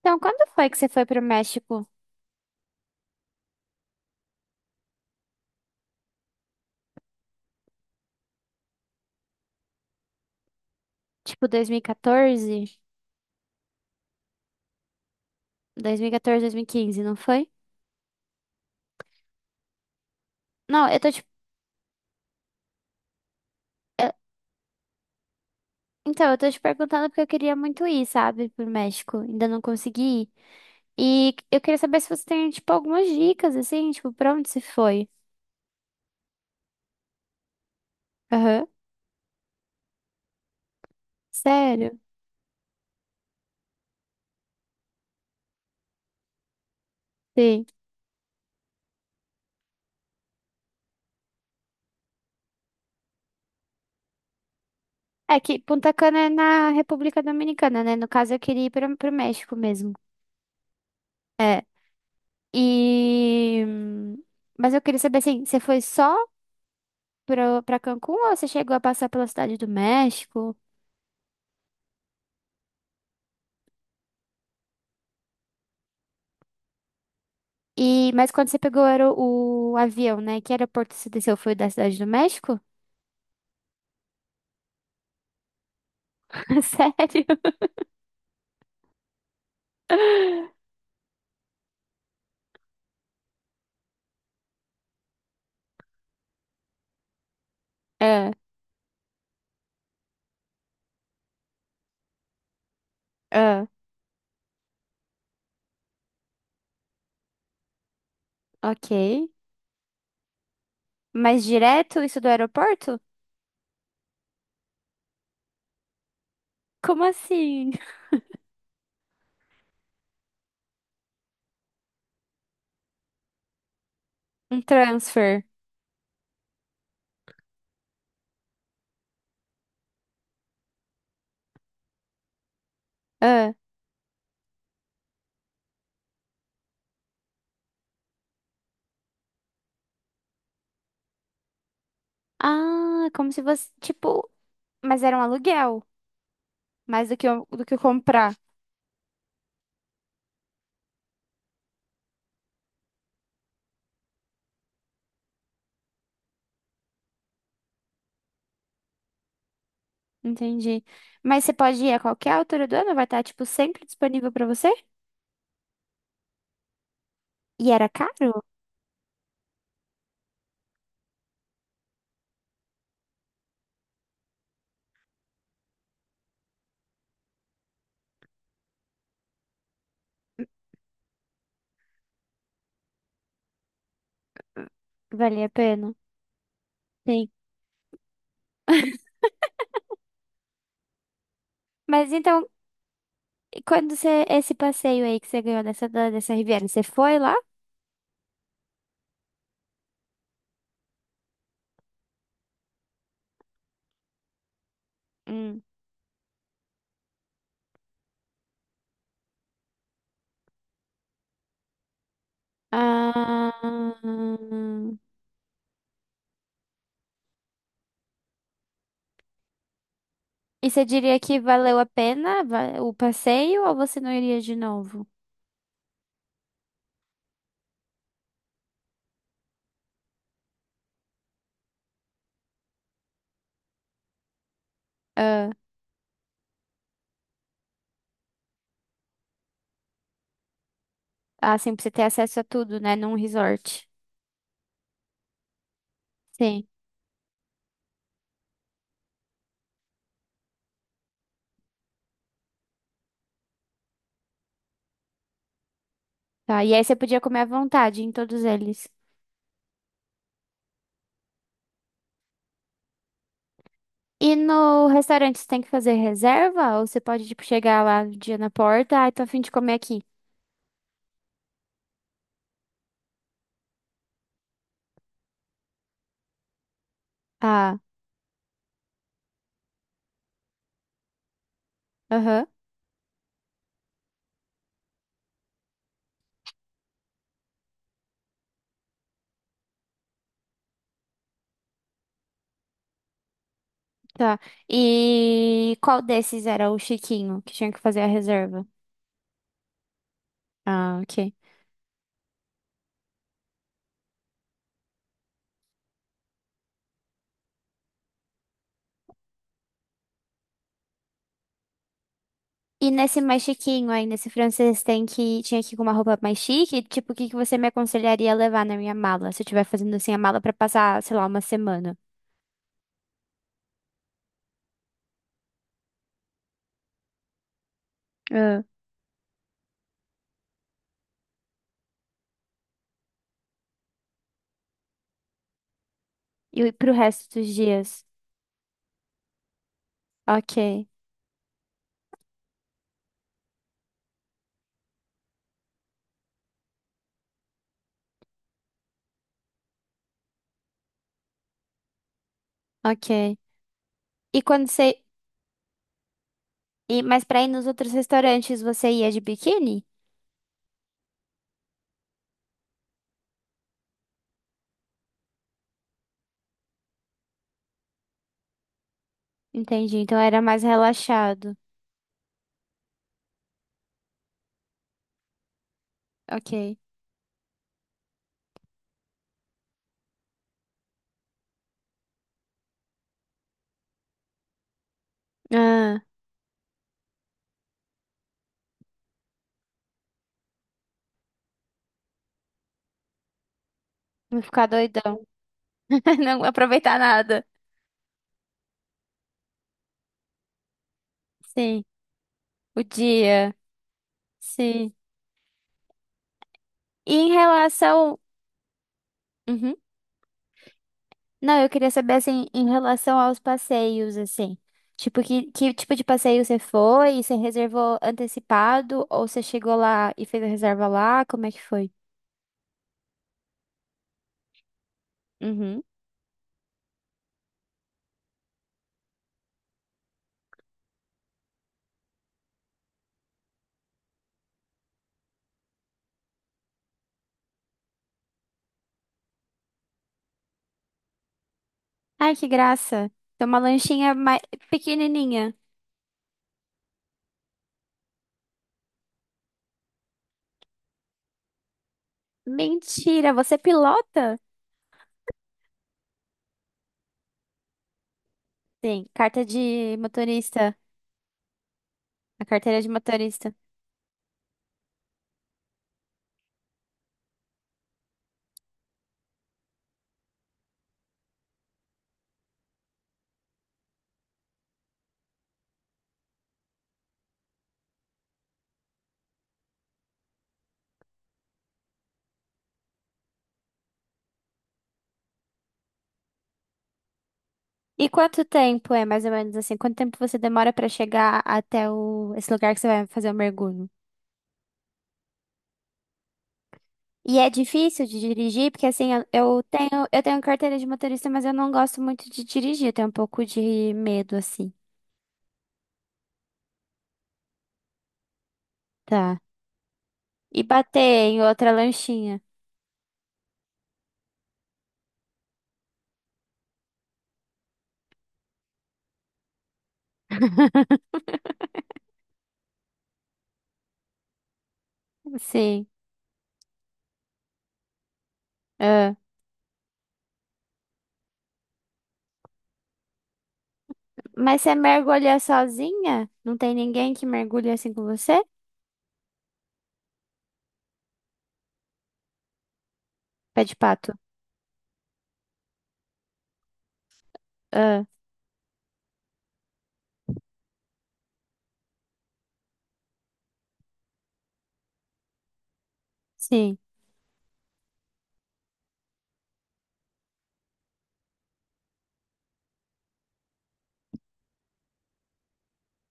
Então, quando foi que você foi pro México? Tipo, dois mil e quinze, não foi? Não, eu tô te... eu- Então, eu tô te perguntando porque eu queria muito ir, sabe, pro México. Ainda não consegui ir. E eu queria saber se você tem, tipo, algumas dicas, assim, tipo, pra onde você foi? Aham. Sério? Sim. É que Punta Cana é na República Dominicana, né? No caso, eu queria ir pro México mesmo. É. E... Mas eu queria saber, assim, você foi só pra Cancún ou você chegou a passar pela Cidade do México? E, mas quando você pegou era o avião, né? Que aeroporto você desceu? Foi o da Cidade do México? Sério? Ah, ah, ok. Mas direto isso do aeroporto? Como assim? Um transfer. Ah. Ah, como se fosse, tipo, mas era um aluguel, mais do que, do que comprar. Entendi. Mas você pode ir a qualquer altura do ano, vai estar, tipo, sempre disponível pra você? E era caro? Valia a pena? Sim. Mas então, e quando você, esse passeio aí que você ganhou dessa Riviera, você foi lá? Hum. Ah, e você diria que valeu a pena o passeio ou você não iria de novo? Ah, ah, assim, pra você ter acesso a tudo, né? Num resort. Sim. Tá. E aí você podia comer à vontade em todos eles. E no restaurante você tem que fazer reserva? Ou você pode, tipo, chegar lá no dia na porta, ai, tô a fim de comer aqui. Ah, aham, tá. E qual desses era o chiquinho que tinha que fazer a reserva? Ah, ok. E nesse mais chiquinho aí, nesse francês, tinha que ir com uma roupa mais chique? Tipo, o que que você me aconselharia a levar na minha mala? Se eu estiver fazendo assim a mala pra passar, sei lá, uma semana. Ah. E pro resto dos dias. Ok, ok. E quando você. E, mas pra ir nos outros restaurantes você ia de biquíni? Entendi, então era mais relaxado. Ok. Ah, não ficar doidão. Não vou aproveitar nada. Sim, o dia. Sim. E em relação. Uhum. Não, eu queria saber assim, em relação aos passeios, assim. Tipo, que tipo de passeio você foi? Você reservou antecipado? Ou você chegou lá e fez a reserva lá? Como é que foi? Uhum. Ai, que graça. Tem uma lanchinha mais pequenininha. Mentira, você pilota? Sim, carta de motorista, a carteira de motorista. E quanto tempo é mais ou menos assim? Quanto tempo você demora pra chegar até esse lugar que você vai fazer o mergulho? E é difícil de dirigir, porque assim, eu tenho carteira de motorista, mas eu não gosto muito de dirigir, eu tenho um pouco de medo assim. Tá. E bater em outra lanchinha. Sim. Ah. Mas você mergulha sozinha? Não tem ninguém que mergulha assim com você? Pé de pato. Ah, sim.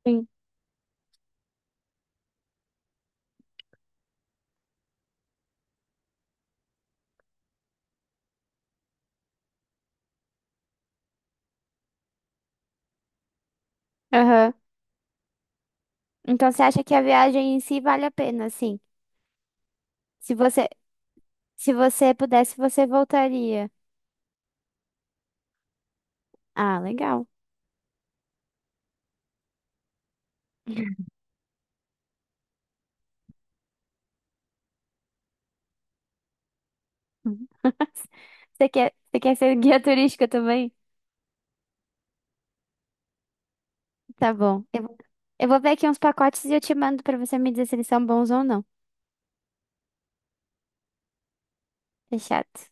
Sim. Aham. Então você acha que a viagem em si vale a pena, sim. Se você, se você pudesse, você voltaria. Ah, legal. Você quer ser guia turística também? Tá bom. Eu vou ver aqui uns pacotes e eu te mando pra você me dizer se eles são bons ou não. Fechado.